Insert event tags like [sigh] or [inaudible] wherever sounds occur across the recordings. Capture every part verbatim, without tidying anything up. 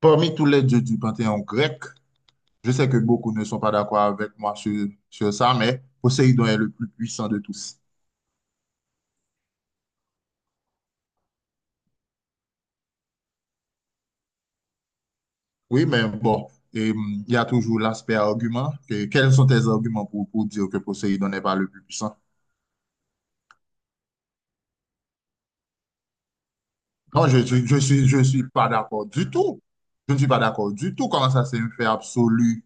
Parmi tous les dieux du panthéon grec, je sais que beaucoup ne sont pas d'accord avec moi sur, sur ça, mais Poséidon est le plus puissant de tous. Oui, mais bon, et, hum, il y a toujours l'aspect argument. Que- quels sont tes arguments pour, pour dire que Poséidon n'est pas le plus puissant? Non, je ne suis, je suis, je suis pas d'accord du tout. Je ne suis pas d'accord du tout. Comment ça, c'est un fait absolu?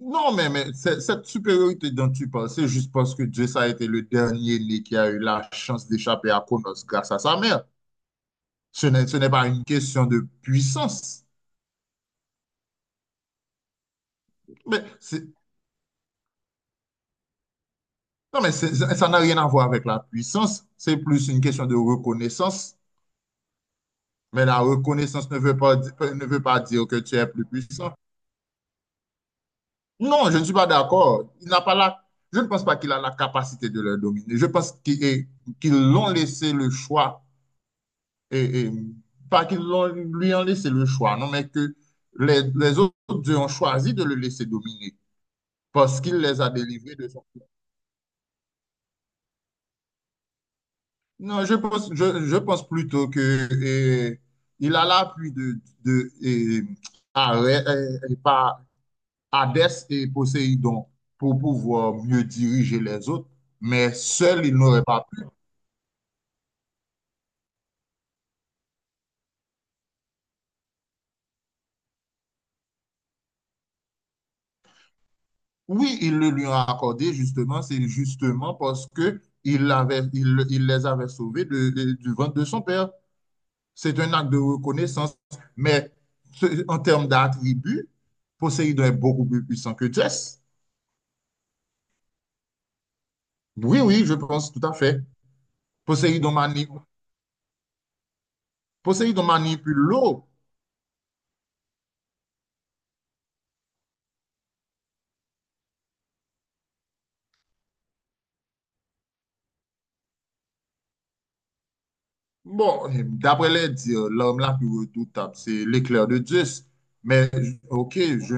Non, mais, mais c'est- Cette supériorité dont tu parles, c'est juste parce que Dieu ça a été le dernier né qui a eu la chance d'échapper à Cronos grâce à sa mère. Ce n'est, ce n'est pas une question de puissance. Mais c'est- non, mais c'est- Ça n'a rien à voir avec la puissance. C'est plus une question de reconnaissance. Mais la reconnaissance ne veut pas, di- ne veut pas dire que tu es plus puissant. Non, je ne suis pas d'accord. Il n'a pas la, je ne pense pas qu'il a la capacité de le dominer. Je pense qu'il est- qu'ils l'ont laissé le choix. Et, et- pas qu'ils l'ont, lui ont laissé le choix, non, mais que les, les autres deux ont choisi de le laisser dominer parce qu'il les a délivrés de son. Non, je pense, je, je pense plutôt que euh, il a l'appui de, de euh, Arès, euh, et pas Hadès et Poséidon pour pouvoir mieux diriger les autres, mais seul, il n'aurait pas pu. Oui, il le lui a accordé justement, c'est justement parce que il l'avait- il, il les avait sauvés de- de- du ventre de son père. C'est un acte de reconnaissance, mais ce- en termes d'attributs, Poséidon est beaucoup plus puissant que Zeus. Oui, oui, je pense tout à fait. Poséidon mani- Poséidon manipule l'eau. Bon, d'après les dires, l'homme la plus redoutable, c'est l'éclair de Zeus. Mais, ok, je,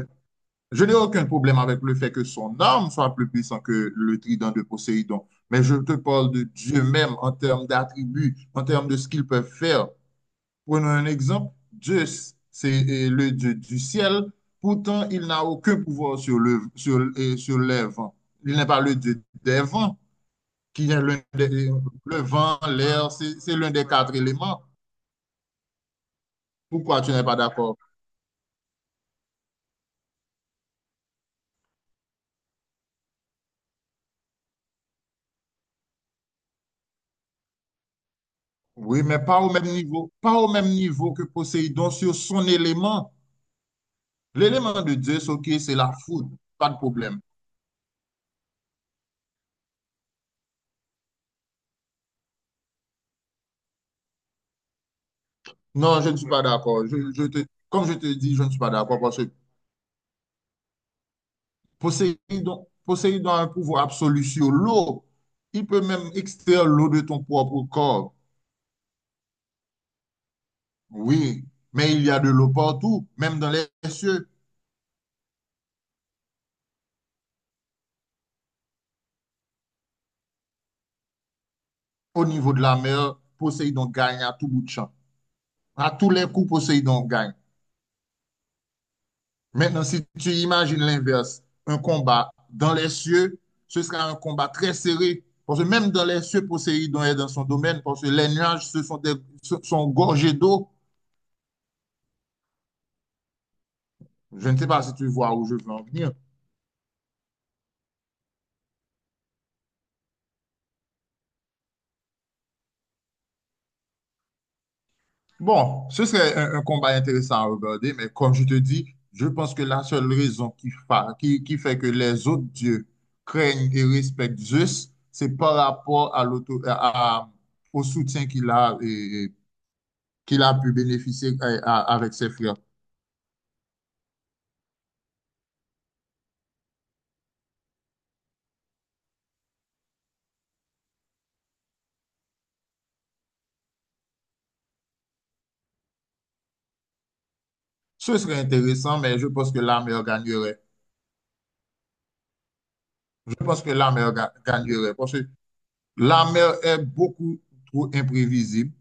je n'ai aucun problème avec le fait que son arme soit plus puissante que le trident de Poséidon. Mais je te parle de Dieu même en termes d'attributs, en termes de ce qu'il peut faire. Prenons un exemple. Zeus, c'est euh, le dieu du ciel. Pourtant, il n'a aucun pouvoir sur le, sur, euh, sur les vents. Il n'est pas le dieu des vents. Qui est l'un des, Le vent, l'air, c'est l'un des quatre éléments. Pourquoi tu n'es pas d'accord? Oui, mais pas au même niveau, pas au même niveau que Poséidon sur son élément. L'élément de Zeus, ok, c'est la foudre, pas de problème. Non, je ne suis pas d'accord. Je, je te, comme je te dis, je ne suis pas d'accord parce que Poséidon, Poséidon a un pouvoir absolu sur l'eau. Il peut même extraire l'eau de ton propre corps. Oui, mais il y a de l'eau partout, même dans les cieux. Au niveau de la mer, Poséidon gagne à tout bout de champ. À tous les coups, Poséidon gagne. Maintenant, si tu imagines l'inverse, un combat dans les cieux, ce sera un combat très serré. Parce que même dans les cieux, Poséidon est dans son domaine, parce que les nuages ce sont, des, ce sont gorgés d'eau. Je ne sais pas si tu vois où je veux en venir. Bon, ce serait un, un combat intéressant à regarder, mais comme je te dis, je pense que la seule raison qui, fa- qui, qui fait que les autres dieux craignent et respectent Zeus, c'est par rapport à l'auto- à- à- au soutien qu'il a, et- qu'il a pu bénéficier à- à- avec ses frères. Ce serait intéressant, mais je pense que la mère gagnerait. Je pense que la mère ga- gagnerait, parce que la mère est beaucoup trop imprévisible.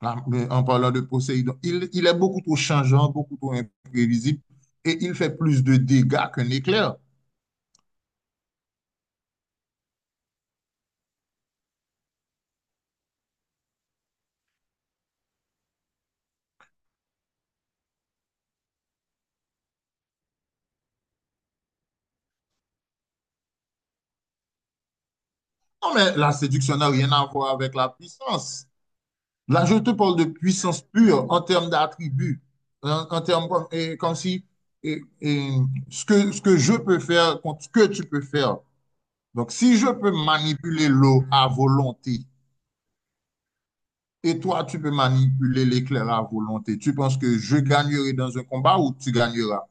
Là, en parlant de Poséidon, il, il est beaucoup trop changeant, beaucoup trop imprévisible et il fait plus de dégâts qu'un éclair. Non, mais la séduction n'a rien à voir avec la puissance. Là, je te parle de puissance pure en termes d'attributs, en, en termes comme, et, comme si et, et ce que, ce que je peux faire contre ce que tu peux faire. Donc, si je peux manipuler l'eau à volonté et toi, tu peux manipuler l'éclair à volonté, tu penses que je gagnerai dans un combat ou tu gagneras?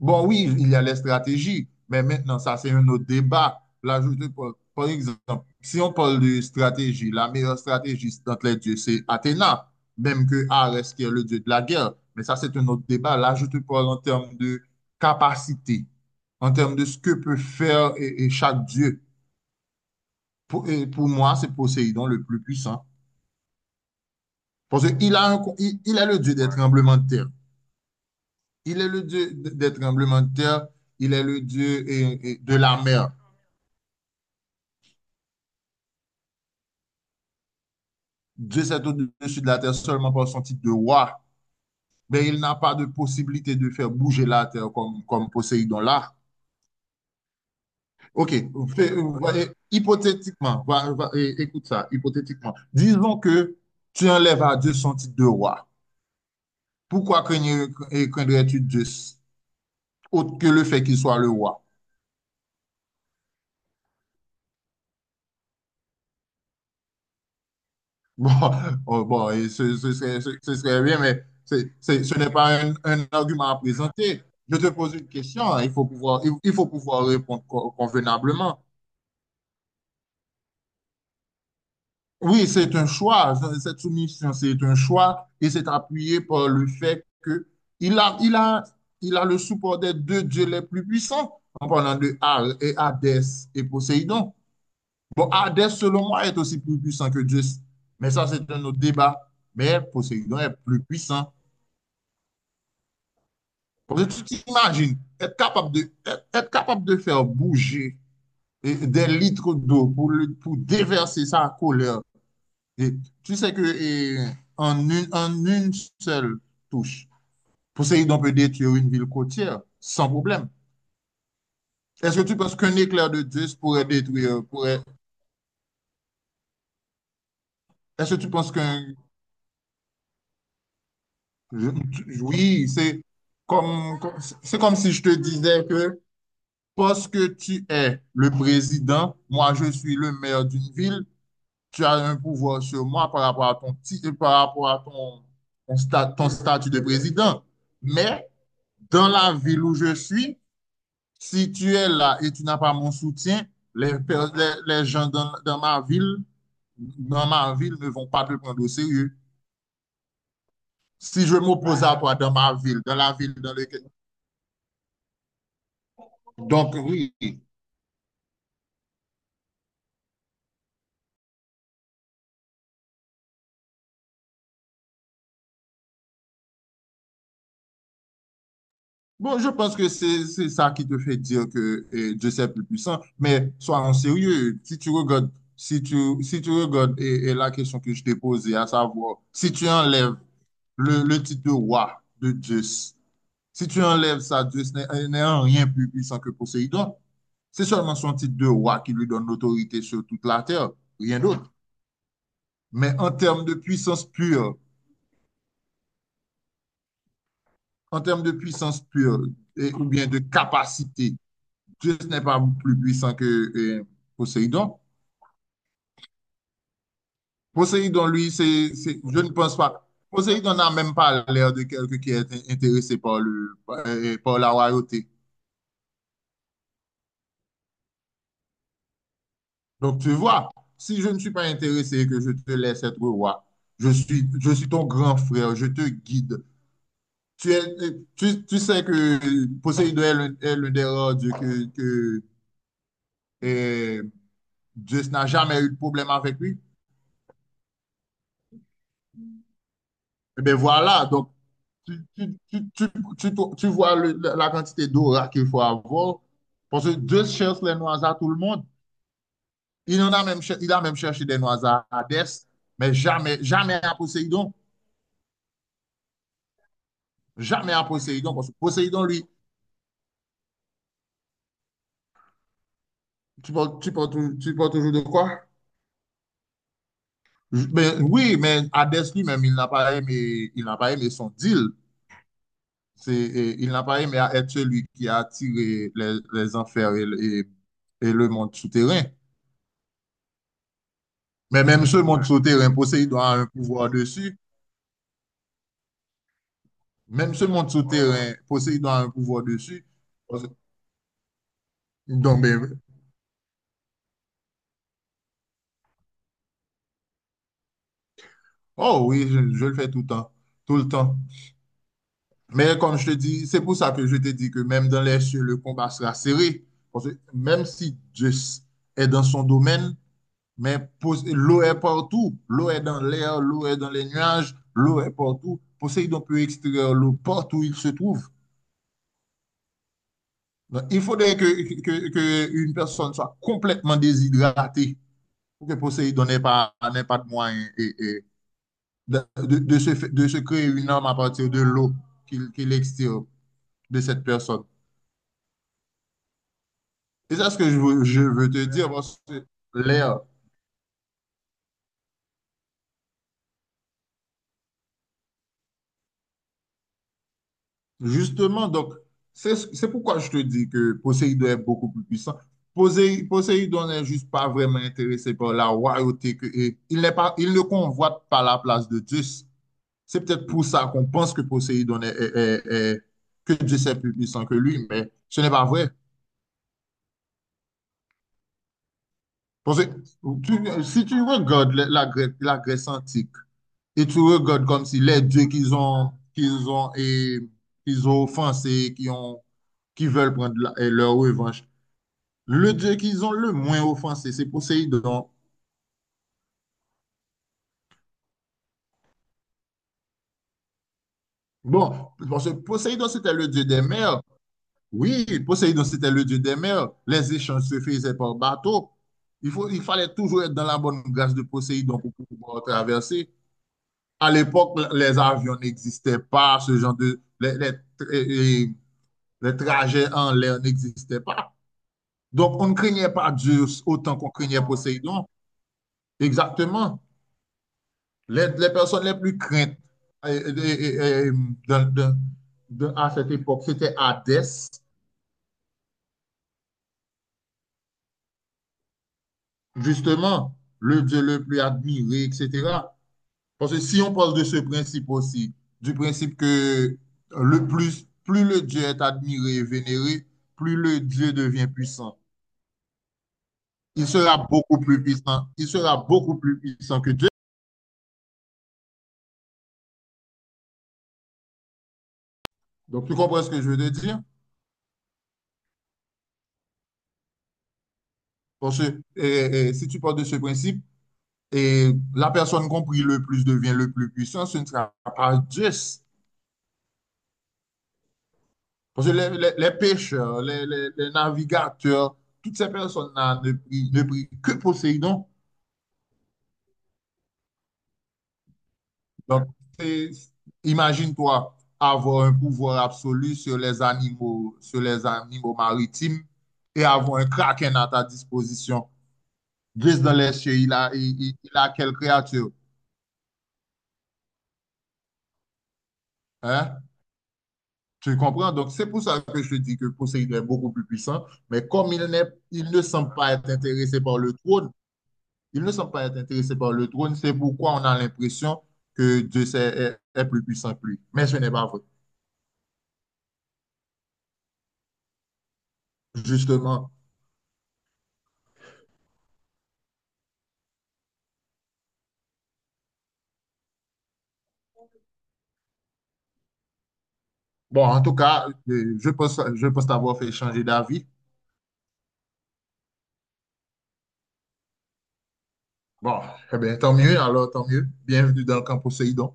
Bon, oui, il y a les stratégies, mais maintenant, ça, c'est un autre débat. Là, je te parle- par exemple, si on parle de stratégie, la meilleure stratégie entre les dieux, c'est Athéna, même que Arès, qui est le dieu de la guerre. Mais ça, c'est un autre débat. Là, je te parle en termes de capacité, en termes de ce que peut faire et, et chaque dieu. Pour, et pour moi, c'est Poséidon le plus puissant. Parce qu'il a un, co- il, il est le dieu des tremblements de terre. Il est le dieu de- des tremblements de terre. Il est le dieu et- et de la mer. Dieu s'est au-dessus de la terre seulement par son titre de roi. Mais il n'a pas de possibilité de faire bouger la terre comme, comme Poséidon là. OK. euh, Hypothétiquement, va- va- écoute ça, hypothétiquement. Disons que tu enlèves à Dieu son titre de roi. Pourquoi craindrais-tu Dieu autre que le fait qu'il soit le roi? [laughs] Bon, oh, bon et ce, ce serait, ce- ce serait bien, mais c'est- c'est- ce n'est pas un, un argument à présenter. Je te pose une question, hein, il faut pouvoir, il, faut pouvoir répondre convenablement. Oui, c'est un choix. Cette soumission, c'est un choix et c'est appuyé par le fait que il a, il a, il a le support des deux dieux les plus puissants, en parlant de Hal et Hadès et Poséidon. Bon, Hadès, selon moi, est aussi plus puissant que Zeus, mais ça, c'est un autre débat. Mais Poséidon est plus puissant. Parce que tu t'imagines être capable de, être, être capable de faire bouger et des litres d'eau pour, le- pour déverser sa colère. Et tu sais que et en une, en une seule touche, Poséidon peut détruire une ville côtière sans problème. Est-ce que tu penses qu'un éclair de Zeus pourrait détruire, pourrait... Est-ce que tu penses qu'un... je- tu- Oui, c'est comme, comme- c'est comme si je te disais que parce que tu es le président, moi je suis le maire d'une ville, tu as un pouvoir sur moi par rapport à ton ti- par rapport à ton, ton sta- ton statut de président. Mais dans la ville où je suis, si tu es là et tu n'as pas mon soutien, les, les, les gens dans, dans ma ville, dans ma ville ne vont pas te prendre au sérieux. Si je m'oppose à toi dans ma ville, dans la ville dans laquelle... Donc oui. Bon, je pense que c'est c'est ça qui te fait dire que eh, Dieu c'est plus puissant, mais sois en sérieux. Si tu regardes, si tu, si tu regardes et, et la question que je t'ai posée, à savoir, si tu enlèves le, le titre de roi de Dieu. Si tu enlèves ça, Dieu n'est en rien plus puissant que Poséidon. C'est seulement son titre de roi qui lui donne l'autorité sur toute la terre, rien d'autre. Mais en termes de puissance pure, en termes de puissance pure, et- ou bien de capacité, Dieu n'est pas plus puissant que euh, Poséidon. Poséidon, lui, c'est, c'est- je ne pense pas. Poséidon n'a même pas l'air de quelqu'un qui est intéressé par le, euh, par la royauté. Donc, tu vois, si je ne suis pas intéressé et que je te laisse être roi, je suis, je suis ton grand frère, je te guide. Tu, es, tu, tu sais que Poséidon est l'un est l'un des rares dieux que, que euh, Zeus n'a jamais eu de problème avec lui. Eh bien, voilà, donc tu, tu, tu, tu, tu, tu vois le- la la quantité d'aura qu'il faut avoir. Parce que Zeus cherche les noises à tout le monde. Il en a même, cher- il a même cherché des noises à Hadès, mais jamais, jamais à Poséidon. Jamais à Poséidon, parce que Poséidon, lui, tu parles, tu parles tu parles toujours de quoi? Je- Ben, oui, mais Hadès lui-même, il n'a pas aimé, il n'a pas aimé son deal. C'est, et il n'a pas aimé être celui qui a attiré les, les enfers et, et- et le monde souterrain. Mais même ce monde Ouais. souterrain, Poséidon a un pouvoir dessus. Même ce monde souterrain, Poséidon a un pouvoir dessus. Donc, ben, oh oui, je, je le fais tout le temps. Tout le temps. Mais comme je te dis, c'est pour ça que je te dis que même dans les cieux, le combat sera serré. Parce que même si Dieu est dans son domaine, mais l'eau est partout. L'eau est dans l'air, l'eau est dans les nuages, l'eau est partout. Poséidon peut extraire l'eau partout où il se trouve. Donc, il faudrait que, que- que une personne soit complètement déshydratée pour que Poséidon n'ait pas, n'ait pas de moyen et, et de, de- de se, de se créer une arme à partir de l'eau qu'il qu'il extire de cette personne. C'est ça ce que je veux, je veux te dire, parce que l'air, justement, donc, c'est c'est pourquoi je te dis que Poséidon est beaucoup plus puissant. Posé- Poséidon n'est juste pas vraiment intéressé par la royauté que, et il n'est pas, il ne convoite pas la place de Zeus. C'est peut-être pour ça qu'on pense que Poséidon est, est- est- est- que Zeus est plus puissant que lui, mais ce n'est pas vrai. Parce que tu- si tu regardes la, la Grèce, la Grèce antique. Et tu regardes comme si les dieux qu'ils ont, qu'ils ont, et, qu'ils ont offensés, qui ont, qui veulent prendre la- et leur revanche. Le dieu qu'ils ont le moins offensé, c'est Poséidon. Bon, parce que Poséidon, c'était le dieu des mers. Oui, Poséidon, c'était le dieu des mers. Les échanges se faisaient par bateau. Il faut, il fallait toujours être dans la bonne grâce de Poséidon pour pouvoir traverser. À l'époque, les avions n'existaient pas, ce genre de, les, les- et- et les trajets en l'air n'existaient pas. Donc, on ne craignait pas Dieu autant qu'on craignait Poséidon. Exactement. Les, les personnes les plus craintes euh, euh, euh, euh, euh, dans- dans- dans- à cette époque, c'était Hadès, justement, le dieu le plus admiré, et cetera. Parce que si on parle de ce principe aussi, du principe que le plus, plus le dieu est admiré et vénéré, plus le dieu devient puissant. Il sera beaucoup plus puissant. Il sera beaucoup plus puissant que Dieu. Donc, tu comprends ce que je veux te dire? Parce que euh, euh, si tu pars de ce principe, et la personne compris le plus devient le plus puissant, ce ne sera pas juste. Parce que les, les- les pêcheurs, les, les- les navigateurs, toutes ces personnes-là ne prient, ne prient que Poséidon. Donc, c'est- imagine-toi avoir un pouvoir absolu sur les animaux, sur les animaux maritimes et avoir un kraken à ta disposition. Juste dans les cieux, il a, il, il- il a quelle créature? Hein? Tu comprends? Donc, c'est pour ça que je te dis que Poséidon est beaucoup plus puissant, mais comme il n'est, il ne semble pas être intéressé par le trône, il ne semble pas être intéressé par le trône, c'est pourquoi on a l'impression que Dieu c'est- est, est plus puissant que lui. Mais ce n'est pas vrai. Justement, bon, en tout cas, euh, je pense, je pense t'avoir fait changer d'avis. Bon, eh bien, tant mieux, alors tant mieux. Bienvenue dans le camp Poséidon.